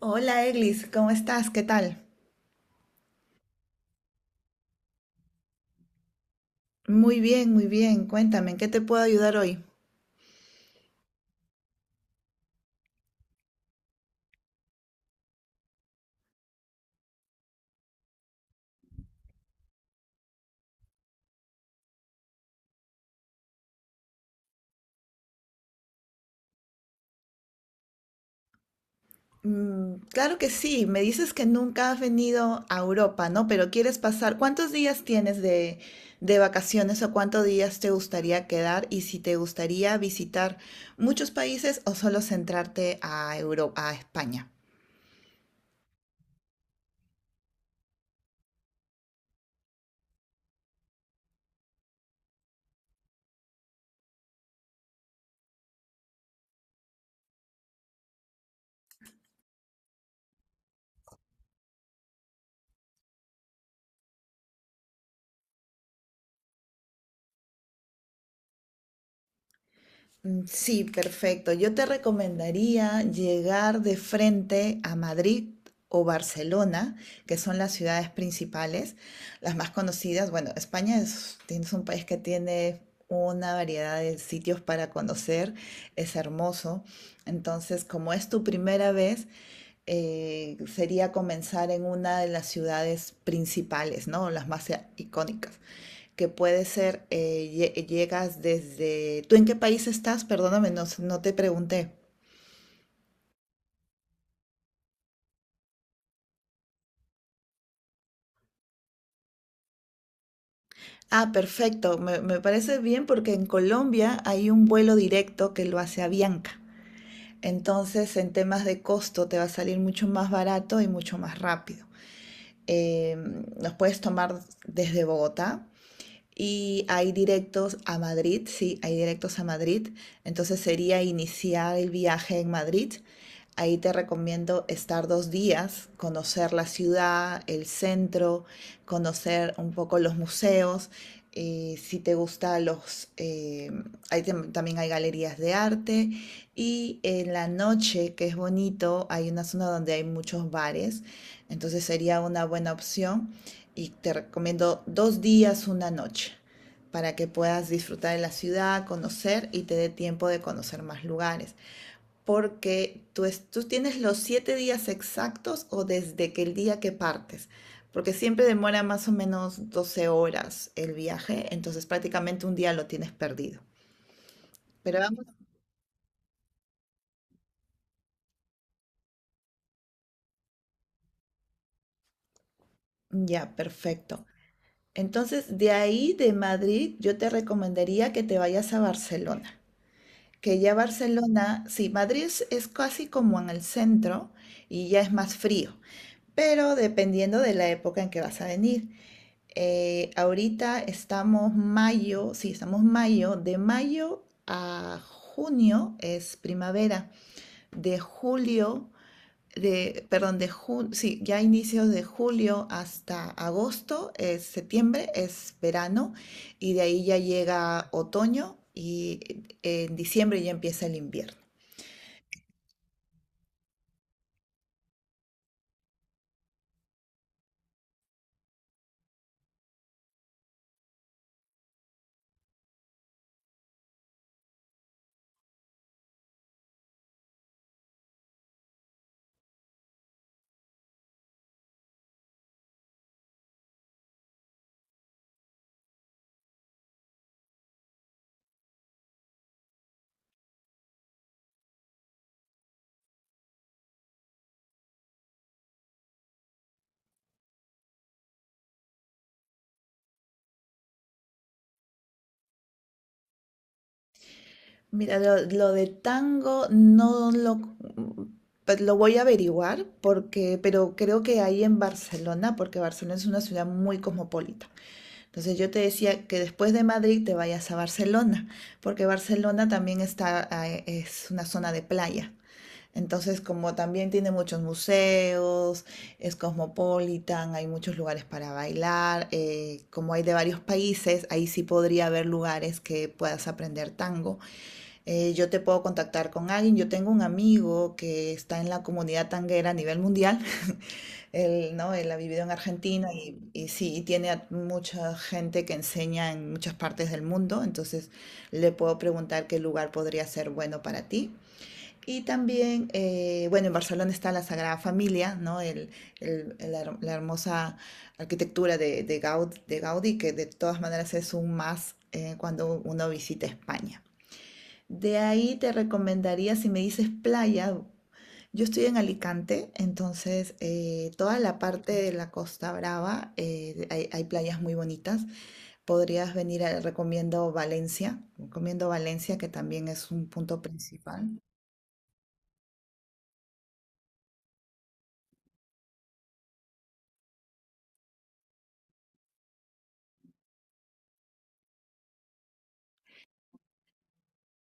Hola Eglis, ¿cómo estás? ¿Qué tal? Muy bien, muy bien. Cuéntame, ¿en qué te puedo ayudar hoy? Claro que sí, me dices que nunca has venido a Europa, ¿no? Pero quieres pasar, ¿cuántos días tienes de vacaciones o cuántos días te gustaría quedar y si te gustaría visitar muchos países o solo centrarte a Europa, a España? Sí, perfecto. Yo te recomendaría llegar de frente a Madrid o Barcelona, que son las ciudades principales, las más conocidas. Bueno, España es un país que tiene una variedad de sitios para conocer, es hermoso. Entonces, como es tu primera vez, sería comenzar en una de las ciudades principales, ¿no? Las más icónicas que puede ser, llegas desde. ¿Tú en qué país estás? Perdóname, no, no te pregunté. Ah, perfecto, me parece bien porque en Colombia hay un vuelo directo que lo hace Avianca. Entonces, en temas de costo, te va a salir mucho más barato y mucho más rápido. Eh, los puedes tomar desde Bogotá y hay directos a Madrid, sí, hay directos a Madrid. Entonces sería iniciar el viaje en Madrid. Ahí te recomiendo estar 2 días, conocer la ciudad, el centro, conocer un poco los museos. Si te gusta ahí también hay galerías de arte. Y en la noche, que es bonito, hay una zona donde hay muchos bares. Entonces sería una buena opción. Y te recomiendo 2 días, una noche, para que puedas disfrutar de la ciudad, conocer y te dé tiempo de conocer más lugares porque tú tienes los 7 días exactos o desde que el día que partes, porque siempre demora más o menos 12 horas el viaje, entonces prácticamente un día lo tienes perdido. Pero vamos, ya, perfecto. Entonces, de ahí de Madrid, yo te recomendaría que te vayas a Barcelona, que ya Barcelona, sí, Madrid es casi como en el centro y ya es más frío, pero dependiendo de la época en que vas a venir. Ahorita estamos mayo, sí, estamos mayo. De mayo a junio es primavera. De julio, Perdón, de junio, sí, ya inicios de julio hasta agosto, es septiembre, es verano. Y de ahí ya llega otoño y en diciembre ya empieza el invierno. Mira, lo de tango no lo, pues lo voy a averiguar, pero creo que ahí en Barcelona, porque Barcelona es una ciudad muy cosmopolita. Entonces yo te decía que después de Madrid te vayas a Barcelona, porque Barcelona también está, es una zona de playa. Entonces, como también tiene muchos museos, es cosmopolitan, hay muchos lugares para bailar, como hay de varios países, ahí sí podría haber lugares que puedas aprender tango. Yo te puedo contactar con alguien. Yo tengo un amigo que está en la comunidad tanguera a nivel mundial. Él, ¿no? Él ha vivido en Argentina y sí, y tiene a mucha gente que enseña en muchas partes del mundo. Entonces le puedo preguntar qué lugar podría ser bueno para ti. Y también, bueno, en Barcelona está la Sagrada Familia, ¿no? La hermosa arquitectura de Gaudí, que de todas maneras es un más cuando uno visita España. De ahí te recomendaría, si me dices playa, yo estoy en Alicante, entonces toda la parte de la Costa Brava, hay playas muy bonitas. Podrías venir, recomiendo Valencia, que también es un punto principal.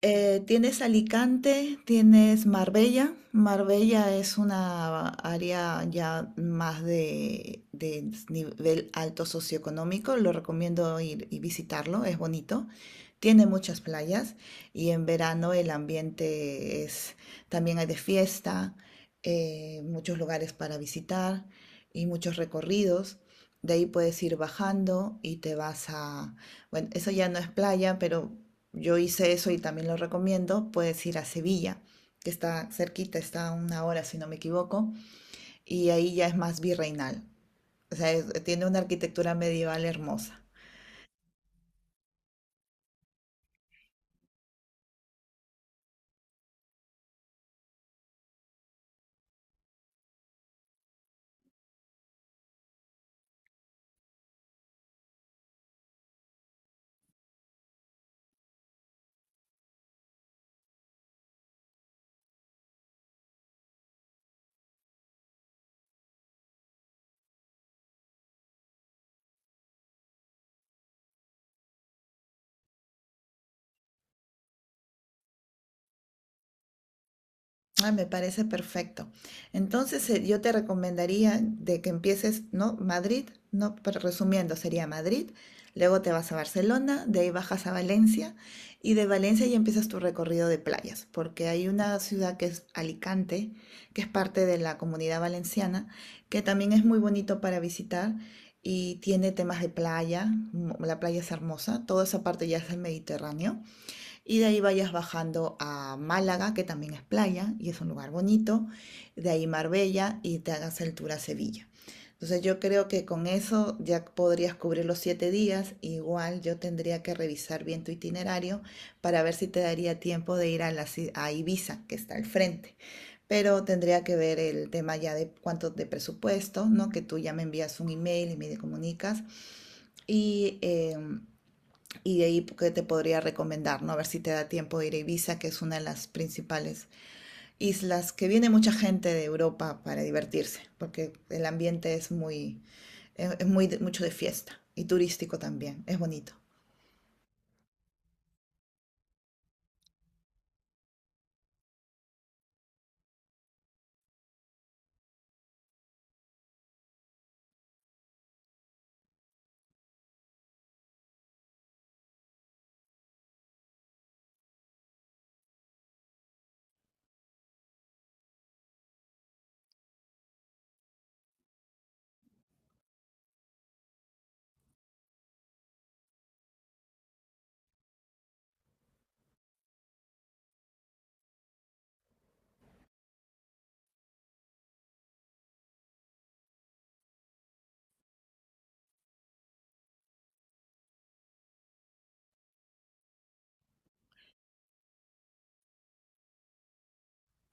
Tienes Alicante, tienes Marbella. Marbella es una área ya más de nivel alto socioeconómico. Lo recomiendo ir y visitarlo, es bonito. Tiene muchas playas y en verano el ambiente es, también hay de fiesta, muchos lugares para visitar y muchos recorridos. De ahí puedes ir bajando y te vas a, bueno, eso ya no es playa, pero yo hice eso y también lo recomiendo. Puedes ir a Sevilla, que está cerquita, está a una hora si no me equivoco, y ahí ya es más virreinal. O sea, tiene una arquitectura medieval hermosa. Ah, me parece perfecto. Entonces, yo te recomendaría de que empieces, ¿no? Madrid, ¿no? Pero resumiendo, sería Madrid, luego te vas a Barcelona, de ahí bajas a Valencia y de Valencia ya empiezas tu recorrido de playas, porque hay una ciudad que es Alicante, que es parte de la Comunidad Valenciana, que también es muy bonito para visitar y tiene temas de playa, la playa es hermosa, toda esa parte ya es el Mediterráneo. Y de ahí vayas bajando a Málaga, que también es playa y es un lugar bonito. De ahí Marbella y te hagas el tour a Sevilla. Entonces yo creo que con eso ya podrías cubrir los 7 días. Igual yo tendría que revisar bien tu itinerario para ver si te daría tiempo de ir a Ibiza, que está al frente. Pero tendría que ver el tema ya de cuánto de presupuesto, ¿no? Que tú ya me envías un email y me comunicas. Y em, y de ahí que te podría recomendar, ¿no? A ver si te da tiempo de ir a Ibiza, que es una de las principales islas que viene mucha gente de Europa para divertirse, porque el ambiente es muy, es muy mucho de fiesta y turístico también, es bonito.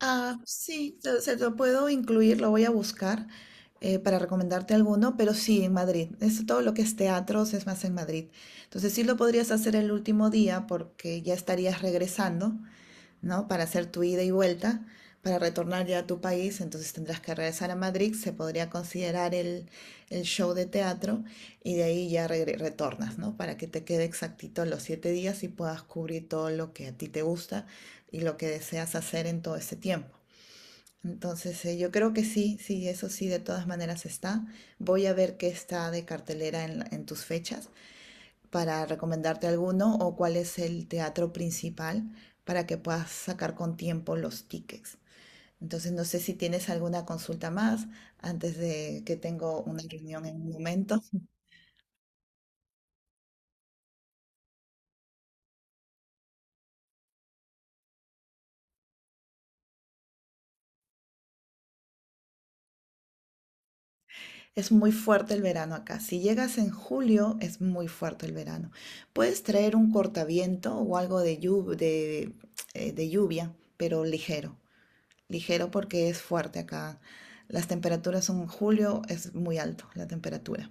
Ah, sí, se lo puedo incluir, lo voy a buscar para recomendarte alguno, pero sí, en Madrid. Es todo lo que es teatros es más en Madrid. Entonces sí lo podrías hacer el último día porque ya estarías regresando, ¿no? Para hacer tu ida y vuelta, para retornar ya a tu país, entonces tendrás que regresar a Madrid, se podría considerar el show de teatro y de ahí ya retornas, ¿no? Para que te quede exactito los 7 días y puedas cubrir todo lo que a ti te gusta y lo que deseas hacer en todo ese tiempo. Entonces, yo creo que sí, sí, eso sí, de todas maneras está. Voy a ver qué está de cartelera en tus fechas para recomendarte alguno o cuál es el teatro principal para que puedas sacar con tiempo los tickets. Entonces, no sé si tienes alguna consulta más antes de que tengo una reunión en un momento. Es muy fuerte el verano acá. Si llegas en julio, es muy fuerte el verano. Puedes traer un cortaviento o algo de lluvia, pero ligero. Ligero porque es fuerte acá. Las temperaturas en julio es muy alto, la temperatura.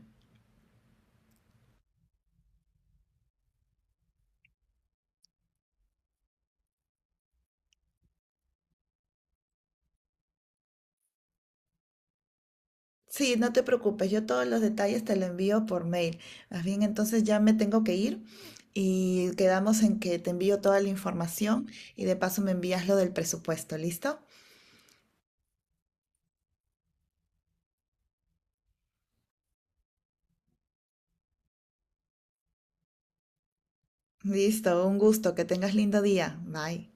Sí, no te preocupes, yo todos los detalles te lo envío por mail. Más bien, entonces ya me tengo que ir y quedamos en que te envío toda la información y de paso me envías lo del presupuesto, ¿listo? Listo, un gusto, que tengas lindo día. Bye.